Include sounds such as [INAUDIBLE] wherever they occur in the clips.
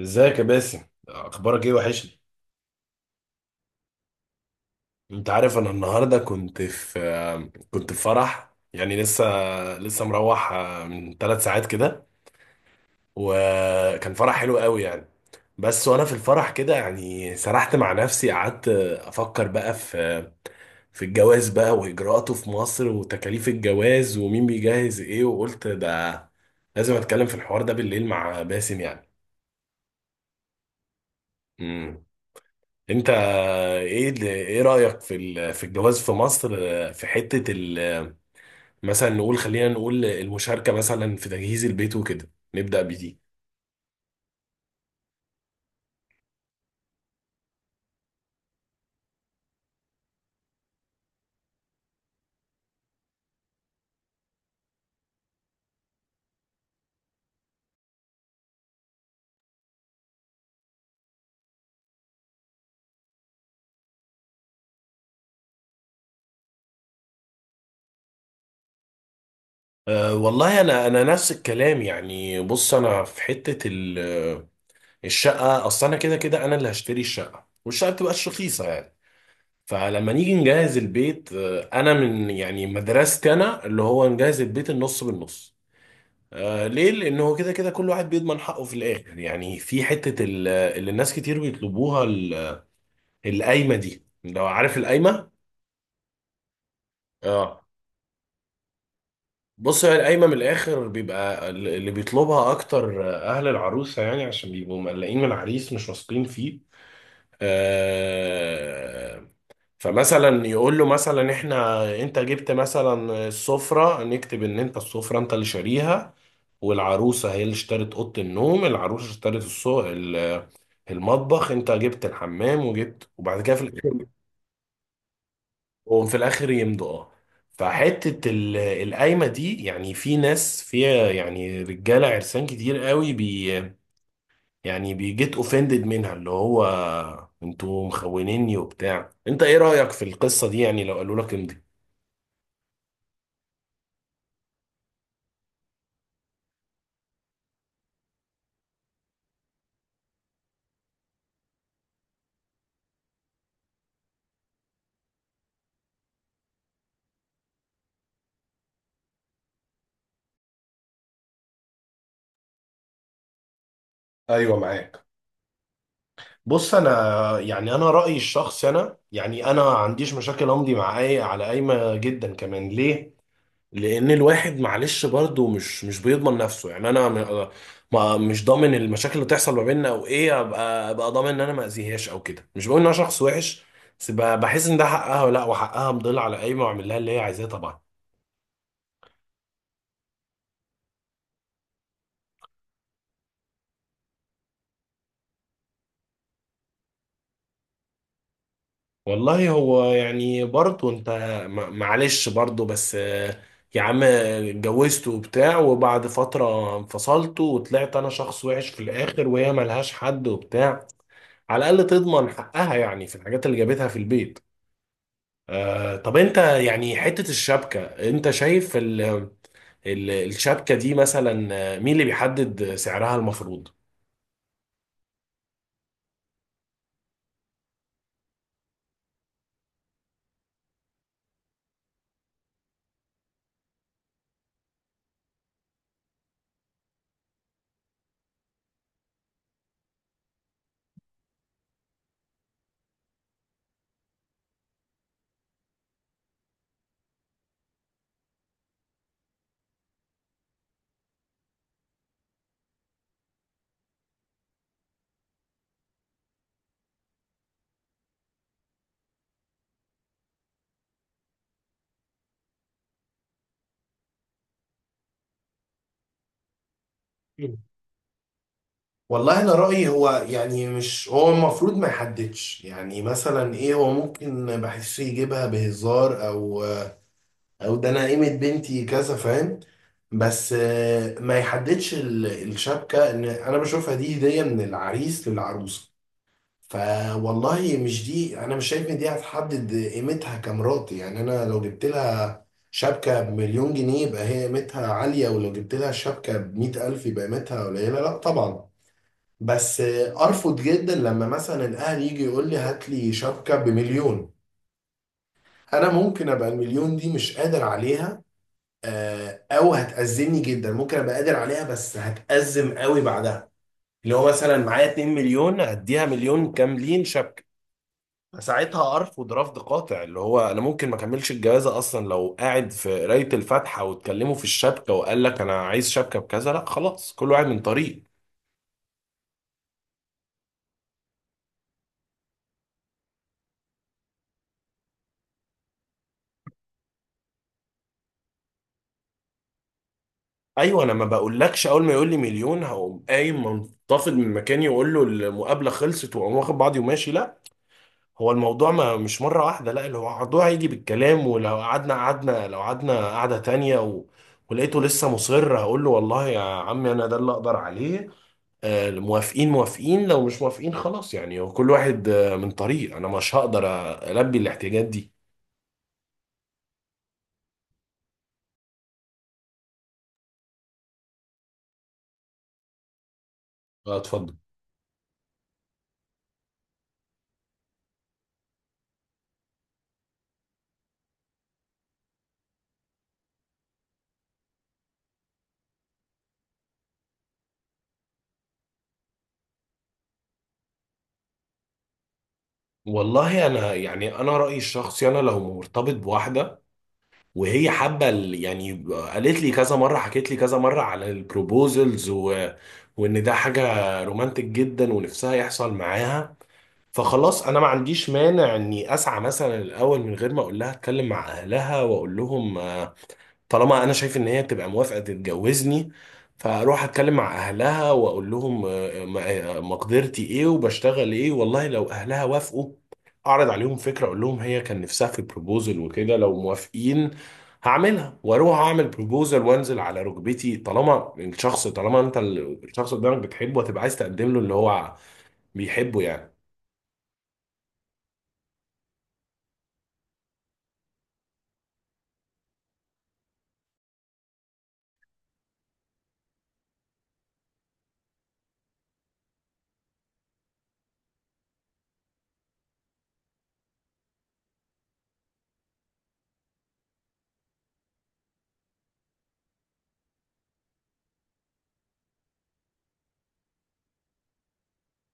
ازيك يا باسم، اخبارك ايه؟ وحشني. انت عارف، انا النهارده كنت في فرح يعني. لسه مروح من 3 ساعات كده. وكان فرح حلو قوي يعني. بس وانا في الفرح كده يعني سرحت مع نفسي، قعدت افكر بقى في الجواز بقى واجراءاته في مصر وتكاليف الجواز ومين بيجهز ايه، وقلت ده لازم اتكلم في الحوار ده بالليل مع باسم يعني. امم انت ايه رأيك في الجواز في مصر؟ في مثلا نقول، خلينا نقول المشاركة مثلا في تجهيز البيت وكده نبدأ بدي. أه والله انا، نفس الكلام يعني. بص انا في الشقة، اصل انا كده كده انا اللي هشتري الشقة، والشقة بتبقاش رخيصة يعني. فلما نيجي نجهز البيت، انا من يعني مدرستي انا اللي هو نجهز البيت النص بالنص. آه ليه؟ لأن هو كده كده كل واحد بيضمن حقه في الآخر يعني. في اللي الناس كتير بيطلبوها، القايمة دي. لو عارف القايمة؟ اه. بص، هي القايمة من الآخر بيبقى اللي بيطلبها أكتر، أهل العروسة يعني، عشان بيبقوا مقلقين من العريس، مش واثقين فيه. آه. فمثلا يقول له مثلا احنا، انت جبت مثلا السفرة، نكتب ان انت السفرة انت اللي شاريها، والعروسة هي اللي اشترت أوضة النوم. العروسة اشترت المطبخ، انت جبت الحمام وجبت، وبعد كده في الاخر وهم في الاخر يمضوا. اه. فحته القايمه دي يعني في ناس فيها يعني رجاله عرسان كتير قوي، يعني بيجيت اوفندد منها، اللي هو انتوا مخونيني وبتاع. انت ايه رايك في القصه دي يعني لو قالوا لك امضي؟ ايوه، معاك. بص انا يعني انا رايي الشخصي، انا يعني انا ما عنديش مشاكل امضي مع اي على قايمه جدا كمان. ليه؟ لان الواحد معلش برضه مش بيضمن نفسه يعني. انا ما مش ضامن المشاكل اللي تحصل ما بيننا او ايه، ابقى ضامن ان انا ما اذيهاش او كده. مش بقول ان انا شخص وحش، بس بحس ان ده حقها ولا لا، وحقها مضل على قايمه واعمل لها اللي هي عايزاه طبعا. والله هو يعني برضه انت معلش برضه. بس يا عم اتجوزت وبتاع وبعد فتره انفصلت، وطلعت انا شخص وحش في الاخر وهي ملهاش حد وبتاع، على الاقل تضمن حقها يعني في الحاجات اللي جابتها في البيت. آه طب انت يعني حتة الشبكة، انت شايف ال الشبكة دي مثلا، مين اللي بيحدد سعرها المفروض؟ والله انا رايي هو يعني مش هو المفروض ما يحددش يعني. مثلا ايه هو ممكن بحسه يجيبها بهزار، او او ده انا قيمه بنتي كذا، فاهم؟ بس ما يحددش الشبكه، ان انا بشوفها دي هديه من العريس للعروسه. فوالله مش دي، انا مش شايف ان دي هتحدد قيمتها كمرات يعني. انا لو جبت لها شبكه بمليون جنيه يبقى هي قيمتها عاليه، ولو جبت لها شبكه بمئة الف يبقى قيمتها قليله؟ لا طبعا. بس ارفض جدا لما مثلا الاهل يجي يقول لي هات لي شبكه بمليون. انا ممكن ابقى المليون دي مش قادر عليها، او هتأزمني جدا. ممكن ابقى قادر عليها بس هتأزم قوي بعدها. اللي هو مثلا معايا 2 مليون اديها مليون كاملين شبكه، ساعتها ارفض رفض قاطع. اللي هو انا ممكن ما اكملش الجوازه اصلا. لو قاعد في قرايه الفاتحه واتكلموا في الشبكه وقال لك انا عايز شبكه بكذا، لا خلاص، كل واحد من طريق. ايوه، انا ما بقولكش اول ما يقول لي مليون هقوم قايم منتفض من مكاني واقول له المقابله خلصت واقوم واخد بعضي وماشي، لا. هو الموضوع ما مش مره واحده، لا. اللي هو الموضوع هيجي بالكلام، ولو قعدنا قعدنا لو قعدنا قعده تانيه و... ولقيته لسه مصر، هقول له والله يا عمي انا ده اللي اقدر عليه. موافقين موافقين، لو مش موافقين خلاص يعني. هو كل واحد من طريق، انا مش هقدر البي الاحتياجات دي. اه اتفضل. والله انا يعني انا رايي الشخصي، انا لو مرتبط بواحده وهي حابه يعني قالت لي كذا مره، حكيت لي كذا مره على البروبوزلز و... وان ده حاجه رومانتك جدا ونفسها يحصل معاها، فخلاص انا ما عنديش مانع اني اسعى مثلا. الاول من غير ما اقول لها اتكلم مع اهلها واقول لهم، طالما انا شايف ان هي تبقى موافقه تتجوزني، فاروح اتكلم مع اهلها واقول لهم مقدرتي ايه وبشتغل ايه. والله لو اهلها وافقوا اعرض عليهم فكره، اقول لهم هي كان نفسها في بروبوزل وكده، لو موافقين هعملها واروح اعمل بروبوزل وانزل على ركبتي. طالما الشخص، طالما انت الشخص قدامك بتحبه هتبقى عايز تقدم له اللي هو بيحبه يعني.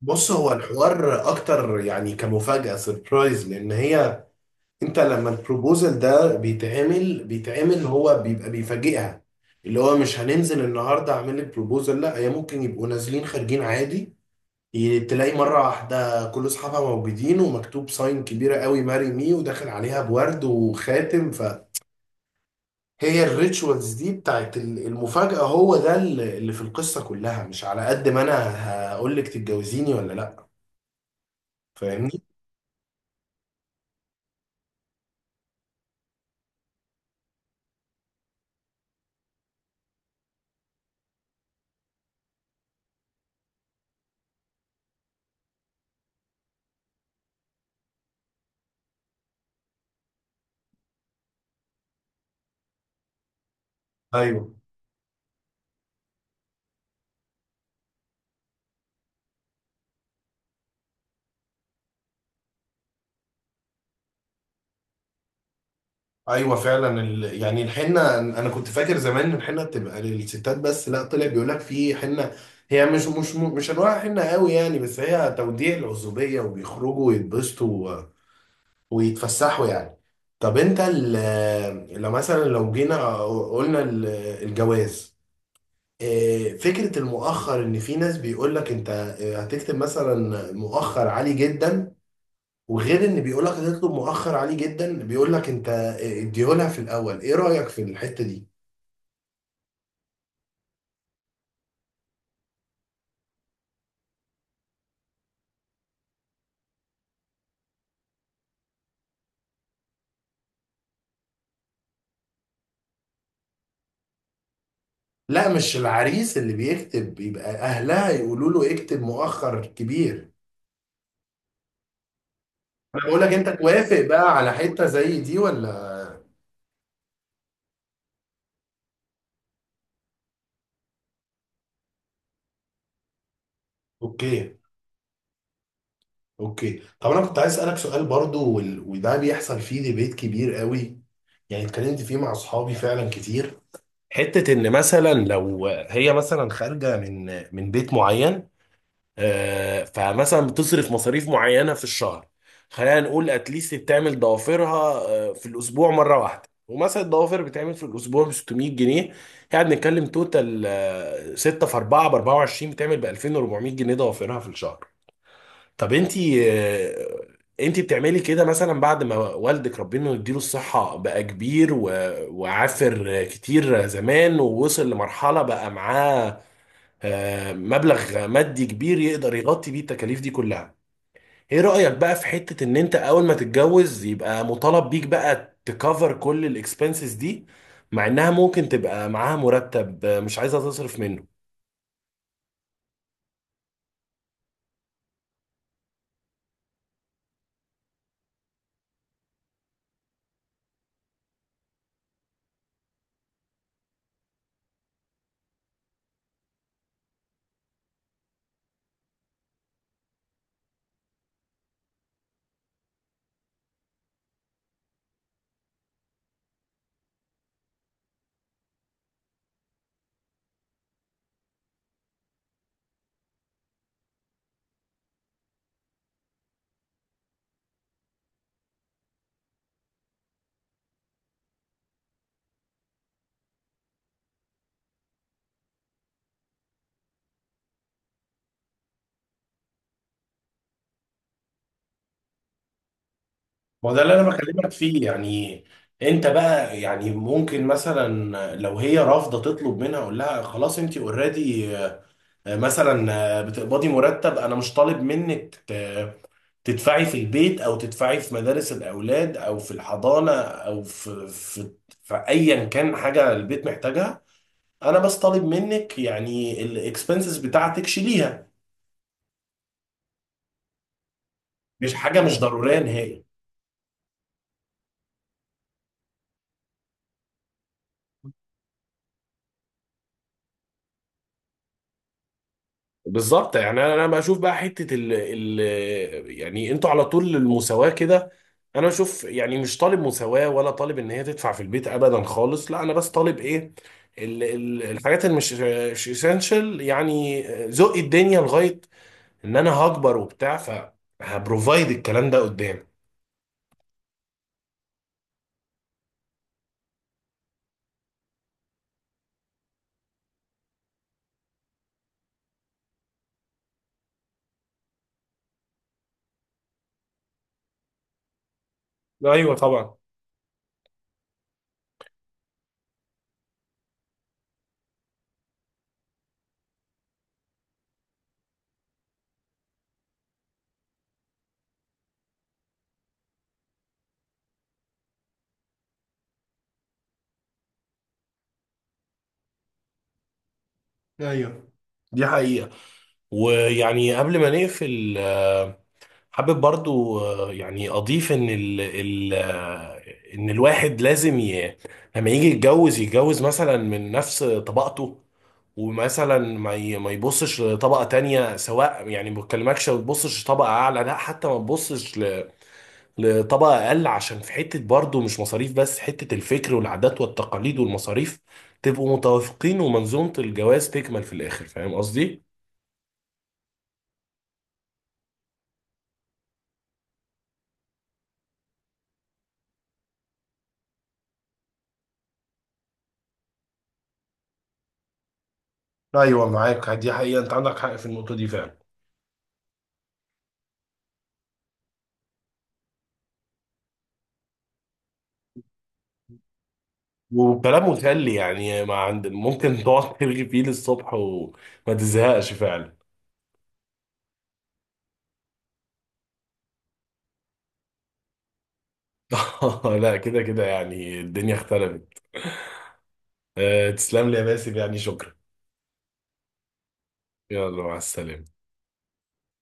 بص هو الحوار اكتر يعني كمفاجأة سربرايز، لان هي، انت لما البروبوزل ده بيتعمل بيتعمل هو بيبقى بيفاجئها. اللي هو مش هننزل النهارده اعمل لك بروبوزل لا، هي ممكن يبقوا نازلين خارجين عادي، تلاقي مره واحده كل اصحابها موجودين ومكتوب ساين كبيره قوي ماري مي وداخل عليها بورد وخاتم. فهي الريتشوالز دي بتاعت المفاجاه هو ده اللي في القصه كلها، مش على قد ما انا هقول لك تتجوزيني ولا لا. فاهمني؟ ايوه. ايوه فعلا يعني الحنه، انا كنت فاكر زمان ان الحنه بتبقى للستات بس، لا طلع بيقول لك في حنه. هي مش انواع حنه قوي يعني، بس هي توديع العزوبيه وبيخرجوا ويتبسطوا و... ويتفسحوا يعني. طب انت لو مثلا لو جينا قلنا الجواز، إيه، فكره المؤخر؟ ان في ناس بيقول لك انت هتكتب مثلا مؤخر عالي جدا، وغير ان بيقول لك هتطلب مؤخر عليه جدا بيقول لك انت اديهولها في الاول. ايه رايك في الحته دي؟ لا مش العريس اللي بيكتب، يبقى اهلها يقولوا له اكتب مؤخر كبير. انا بقول لك انت توافق بقى على حته زي دي ولا؟ اوكي. اوكي، طب انا كنت عايز اسالك سؤال برضو، وده بيحصل فيه ديبيت كبير قوي يعني، اتكلمت فيه مع اصحابي فعلا كتير. حته ان مثلا لو هي مثلا خارجه من بيت معين، فمثلا بتصرف مصاريف معينة في الشهر. خلينا نقول اتليست بتعمل ضوافرها في الأسبوع مرة واحدة، ومثلا الضوافر بتعمل في الأسبوع ب 600 جنيه. يعني بنتكلم توتال، 6 في 4 ب 24، بتعمل ب 2400 جنيه ضوافرها في الشهر. طب انتي انتي بتعملي كده مثلا بعد ما والدك ربنا يديله الصحة بقى كبير وعافر كتير زمان ووصل لمرحلة بقى معاه مبلغ مادي كبير يقدر يغطي بيه التكاليف دي كلها. ايه رأيك بقى في حتة ان انت اول ما تتجوز يبقى مطالب بيك بقى تكفر كل الاكسبنسز دي، مع انها ممكن تبقى معاها مرتب مش عايزة تصرف منه. ما هو ده اللي انا بكلمك فيه يعني. انت بقى يعني ممكن مثلا لو هي رافضه تطلب منها اقول لها خلاص انت اوريدي مثلا، بتقبضي مرتب، انا مش طالب منك تدفعي في البيت او تدفعي في مدارس الاولاد او في الحضانه او في ايا كان حاجه البيت محتاجها. انا بس طالب منك يعني الاكسبنسز بتاعتك شيليها، مش حاجه مش ضروريه نهائي. بالظبط، يعني انا، بشوف بقى حته ال ال يعني انتوا على طول المساواه كده. انا بشوف يعني مش طالب مساواه ولا طالب ان هي تدفع في البيت ابدا خالص لا. انا بس طالب ايه؟ ال ال الحاجات اللي مش اسينشال يعني، ذوق الدنيا، لغايه ان انا هكبر وبتاع فهبروفايد الكلام ده قدام. ايوه طبعا. ايوه دي حقيقة. ويعني قبل ما نقفل، حابب برضو يعني أضيف إن ال ال آه، إن الواحد لازم لما يجي يتجوز يتجوز مثلا من نفس طبقته، ومثلا ما يبصش لطبقة تانية. سواء يعني ما بكلمكش ما تبصش لطبقة أعلى لا، حتى ما تبصش لطبقة أقل، عشان في حتة برضه مش مصاريف بس، حتة الفكر والعادات والتقاليد والمصاريف. تبقوا متوافقين ومنظومة الجواز تكمل في الآخر. فاهم قصدي؟ ايوه معاك، دي حقيقه، انت عندك حق في النقطه دي فعلا. وكلام مسلي يعني، ما عند ممكن [LAUGHS] تقعد ترغي فيه للصبح وما تزهقش فعلا. [LAUGHS] لا كده كده يعني الدنيا اختلفت. أه، تسلم لي يا باسم يعني، شكرا. يلا مع السلامة.